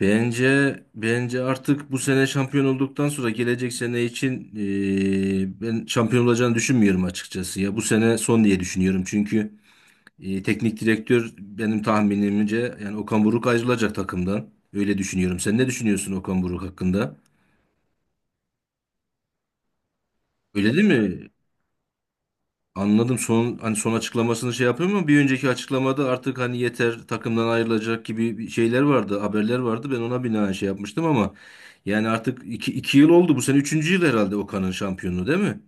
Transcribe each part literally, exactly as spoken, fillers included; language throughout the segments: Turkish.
Bence bence artık bu sene şampiyon olduktan sonra gelecek sene için e, ben şampiyon olacağını düşünmüyorum açıkçası ya. Bu sene son diye düşünüyorum. Çünkü e, teknik direktör benim tahminimce yani Okan Buruk ayrılacak takımdan. Öyle düşünüyorum. Sen ne düşünüyorsun Okan Buruk hakkında? Öyle değil mi? Anladım. Son hani son açıklamasını şey yapıyor mu? Bir önceki açıklamada artık hani yeter takımdan ayrılacak gibi bir şeyler vardı, haberler vardı. Ben ona binaen şey yapmıştım ama yani artık iki, iki yıl oldu. Bu sene üçüncü yıl herhalde Okan'ın şampiyonluğu değil mi?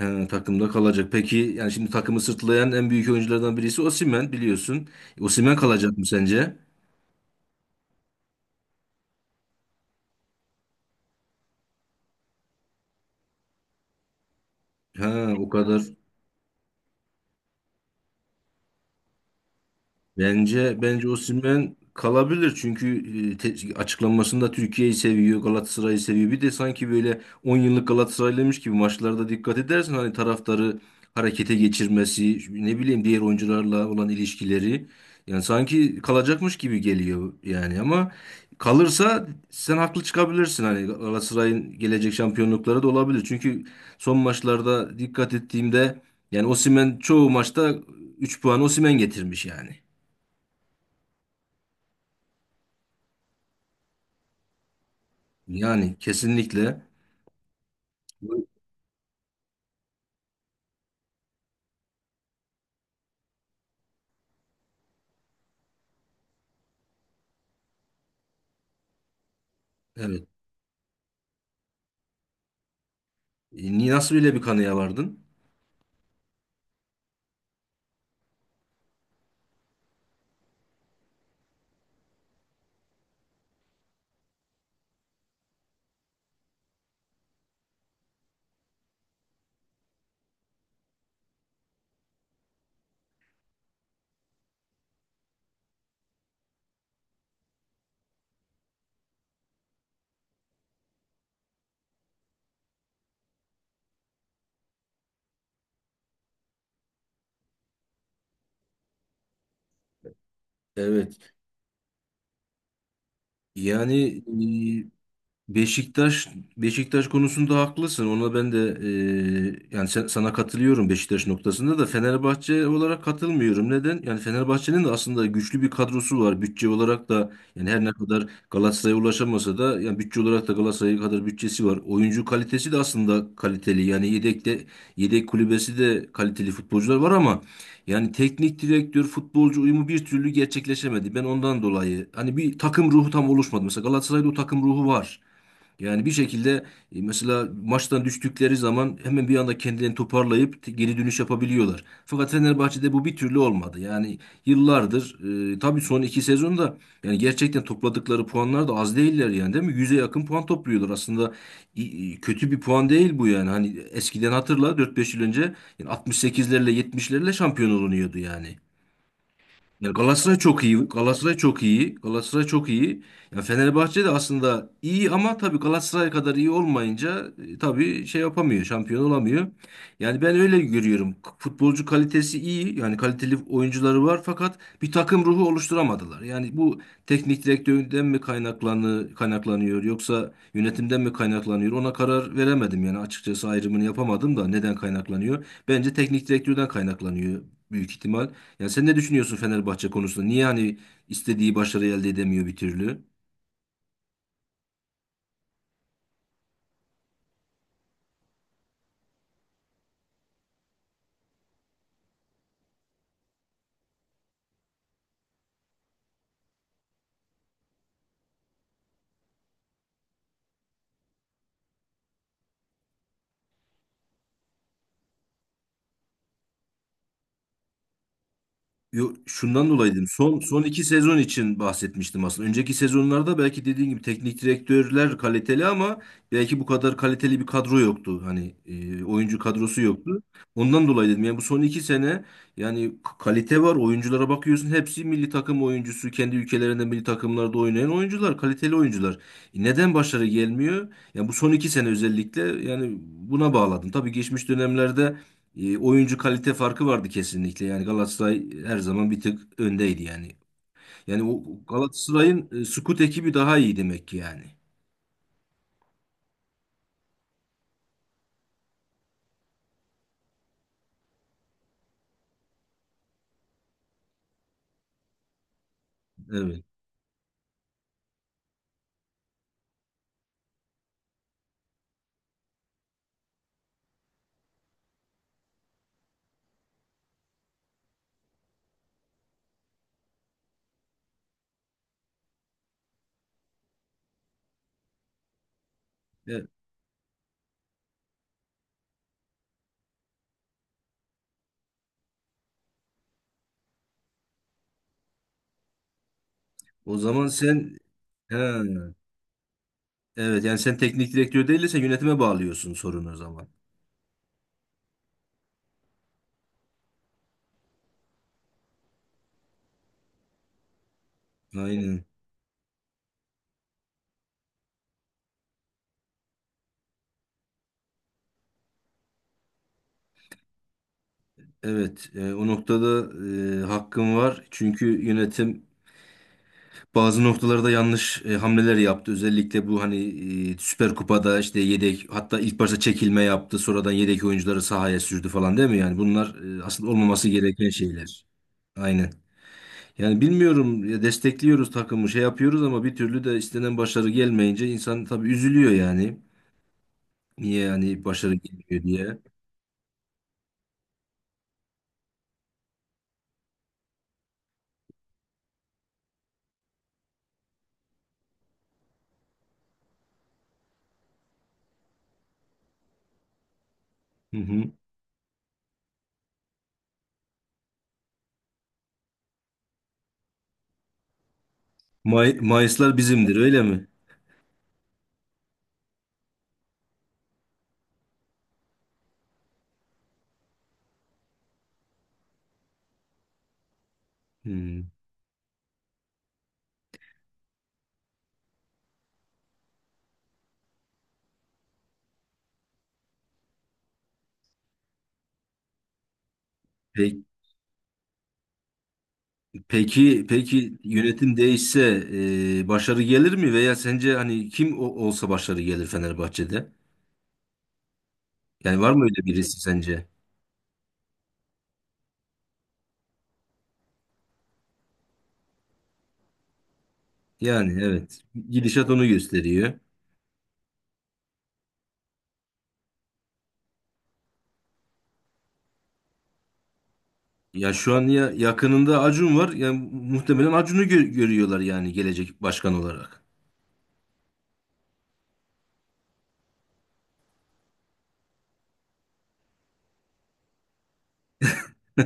Ee, takımda kalacak. Peki yani şimdi takımı sırtlayan en büyük oyunculardan birisi Osimhen biliyorsun. Osimhen kalacak mı sence? Ha, o kadar. Bence bence Osimhen kalabilir çünkü e, te- açıklamasında Türkiye'yi seviyor, Galatasaray'ı seviyor. Bir de sanki böyle on yıllık Galatasaraylıymış gibi maçlarda dikkat edersen hani taraftarı harekete geçirmesi, ne bileyim diğer oyuncularla olan ilişkileri yani sanki kalacakmış gibi geliyor yani ama kalırsa sen haklı çıkabilirsin hani Galatasaray'ın gelecek şampiyonlukları da olabilir. Çünkü son maçlarda dikkat ettiğimde yani Osimhen çoğu maçta üç puan Osimhen getirmiş yani. Yani kesinlikle. Evet. ni Nasıl bile bir kanıya vardın? Evet. Yani e, Beşiktaş Beşiktaş konusunda haklısın. Ona ben de eee, yani sen- sana katılıyorum Beşiktaş noktasında da Fenerbahçe olarak katılmıyorum. Neden? Yani Fenerbahçe'nin de aslında güçlü bir kadrosu var. Bütçe olarak da yani her ne kadar Galatasaray'a ulaşamasa da yani bütçe olarak da Galatasaray kadar bütçesi var. Oyuncu kalitesi de aslında kaliteli. Yani yedekte yedek kulübesi de kaliteli futbolcular var ama yani teknik direktör futbolcu uyumu bir türlü gerçekleşemedi. Ben ondan dolayı hani bir takım ruhu tam oluşmadı. Mesela Galatasaray'da o takım ruhu var. Yani bir şekilde e, mesela maçtan düştükleri zaman hemen bir anda kendilerini toparlayıp t- geri dönüş yapabiliyorlar. Fakat Fenerbahçe'de bu bir türlü olmadı. Yani yıllardır e, tabii son iki sezonda yani gerçekten topladıkları puanlar da az değiller yani değil mi? Yüze yakın puan topluyorlar. Aslında i- i- kötü bir puan değil bu yani. Hani eskiden hatırla dört beş yıl önce yani altmış sekizlerle yetmişlerle şampiyon olunuyordu yani. Ya Galatasaray çok iyi. Galatasaray çok iyi. Galatasaray çok iyi. Ya Fenerbahçe de aslında iyi ama tabii Galatasaray kadar iyi olmayınca e, tabii şey yapamıyor, şampiyon olamıyor. Yani ben öyle görüyorum. K- Futbolcu kalitesi iyi. Yani kaliteli oyuncuları var fakat bir takım ruhu oluşturamadılar. Yani bu teknik direktörden mi kaynaklanı, kaynaklanıyor yoksa yönetimden mi kaynaklanıyor? Ona karar veremedim yani açıkçası ayrımını yapamadım da neden kaynaklanıyor? Bence teknik direktörden kaynaklanıyor büyük ihtimal. Yani sen ne düşünüyorsun Fenerbahçe konusunda? Niye hani istediği başarı elde edemiyor bir türlü? Yo, şundan dolayı dedim. Son son iki sezon için bahsetmiştim aslında. Önceki sezonlarda belki dediğin gibi teknik direktörler kaliteli ama belki bu kadar kaliteli bir kadro yoktu. Hani e, oyuncu kadrosu yoktu. Ondan dolayı dedim. Yani bu son iki sene yani k- kalite var. Oyunculara bakıyorsun. Hepsi milli takım oyuncusu. Kendi ülkelerinde milli takımlarda oynayan oyuncular. Kaliteli oyuncular. E, neden başarı gelmiyor? Yani bu son iki sene özellikle yani buna bağladım. Tabii geçmiş dönemlerde e, oyuncu kalite farkı vardı kesinlikle. Yani Galatasaray her zaman bir tık öndeydi yani. Yani o Galatasaray'ın e, scout ekibi daha iyi demek ki yani. Evet. E, O zaman sen he, evet yani sen teknik direktör değilse yönetime bağlıyorsun sorunu o zaman. Aynen. Evet. E, o noktada e, hakkın var. Çünkü yönetim bazı noktalarda yanlış e, hamleler yaptı. Özellikle bu hani e, Süper Kupa'da işte yedek hatta ilk başta çekilme yaptı. Sonradan yedek oyuncuları sahaya sürdü falan değil mi? Yani bunlar e, aslında olmaması gereken şeyler. Aynen. Yani bilmiyorum ya destekliyoruz takımı şey yapıyoruz ama bir türlü de istenen başarı gelmeyince insan tabii üzülüyor yani. Niye yani başarı gelmiyor diye. Hı hı. May Mayıslar bizimdir öyle mi? Hı. Peki peki yönetim değişse e, başarı gelir mi veya sence hani kim o- olsa başarı gelir Fenerbahçe'de? Yani var mı öyle birisi sence? Yani evet. Gidişat onu gösteriyor. Ya şu an ya yakınında Acun var. Yani muhtemelen Acun'u gö- görüyorlar yani gelecek başkan olarak.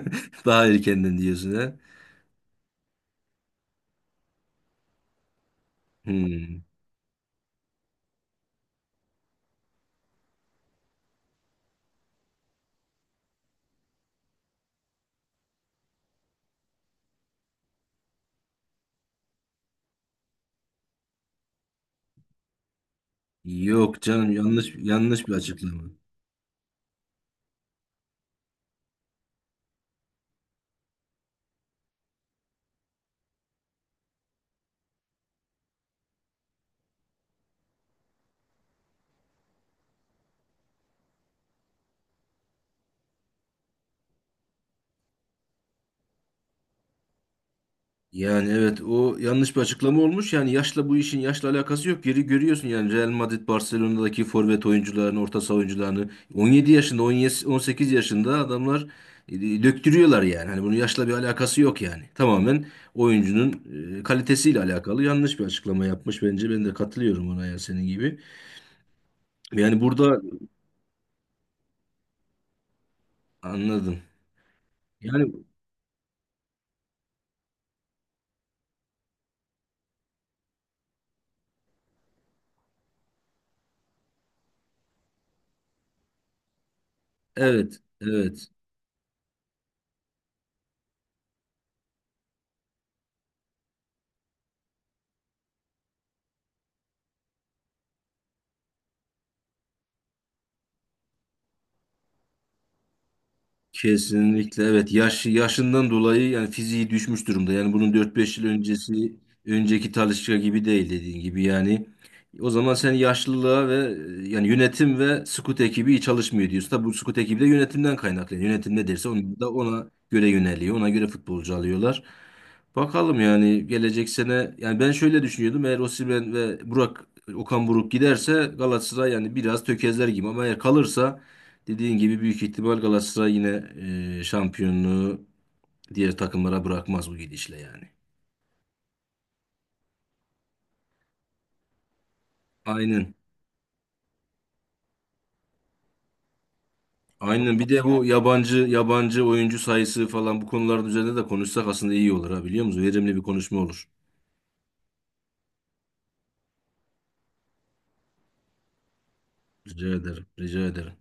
Daha erkenden diyorsun ha? Hmm. Yok canım yanlış yanlış bir açıklama. Yani evet o yanlış bir açıklama olmuş. Yani yaşla bu işin yaşla alakası yok. Geri görüyorsun yani Real Madrid Barcelona'daki forvet oyuncularını, orta saha oyuncularını on yedi yaşında, on yedi on sekiz yaşında adamlar e, döktürüyorlar yani. Hani bunun yaşla bir alakası yok yani. Tamamen oyuncunun e, kalitesiyle alakalı yanlış bir açıklama yapmış bence. Ben de katılıyorum ona ya senin gibi. Yani burada anladım. Yani evet, evet. Kesinlikle evet yaş yaşından dolayı yani fiziği düşmüş durumda. Yani bunun dört beş yıl öncesi önceki Talisca gibi değil dediğin gibi yani. O zaman sen yaşlılığa ve e, yani yönetim ve scout ekibi iyi çalışmıyor diyorsun. Tabi bu scout ekibi de yönetimden kaynaklanıyor. Yönetim ne derse onu da ona göre yöneliyor. Ona göre futbolcu alıyorlar. Bakalım yani gelecek sene yani ben şöyle düşünüyordum. Eğer Osimhen ve Burak Okan Buruk giderse Galatasaray yani biraz tökezler gibi ama eğer kalırsa dediğin gibi büyük ihtimal Galatasaray yine e, şampiyonluğu diğer takımlara bırakmaz bu gidişle yani. Aynen. Aynen. Bir de bu yabancı yabancı oyuncu sayısı falan bu konuların üzerinde de konuşsak aslında iyi olur ha biliyor musun? Verimli bir konuşma olur. Rica ederim. Rica ederim.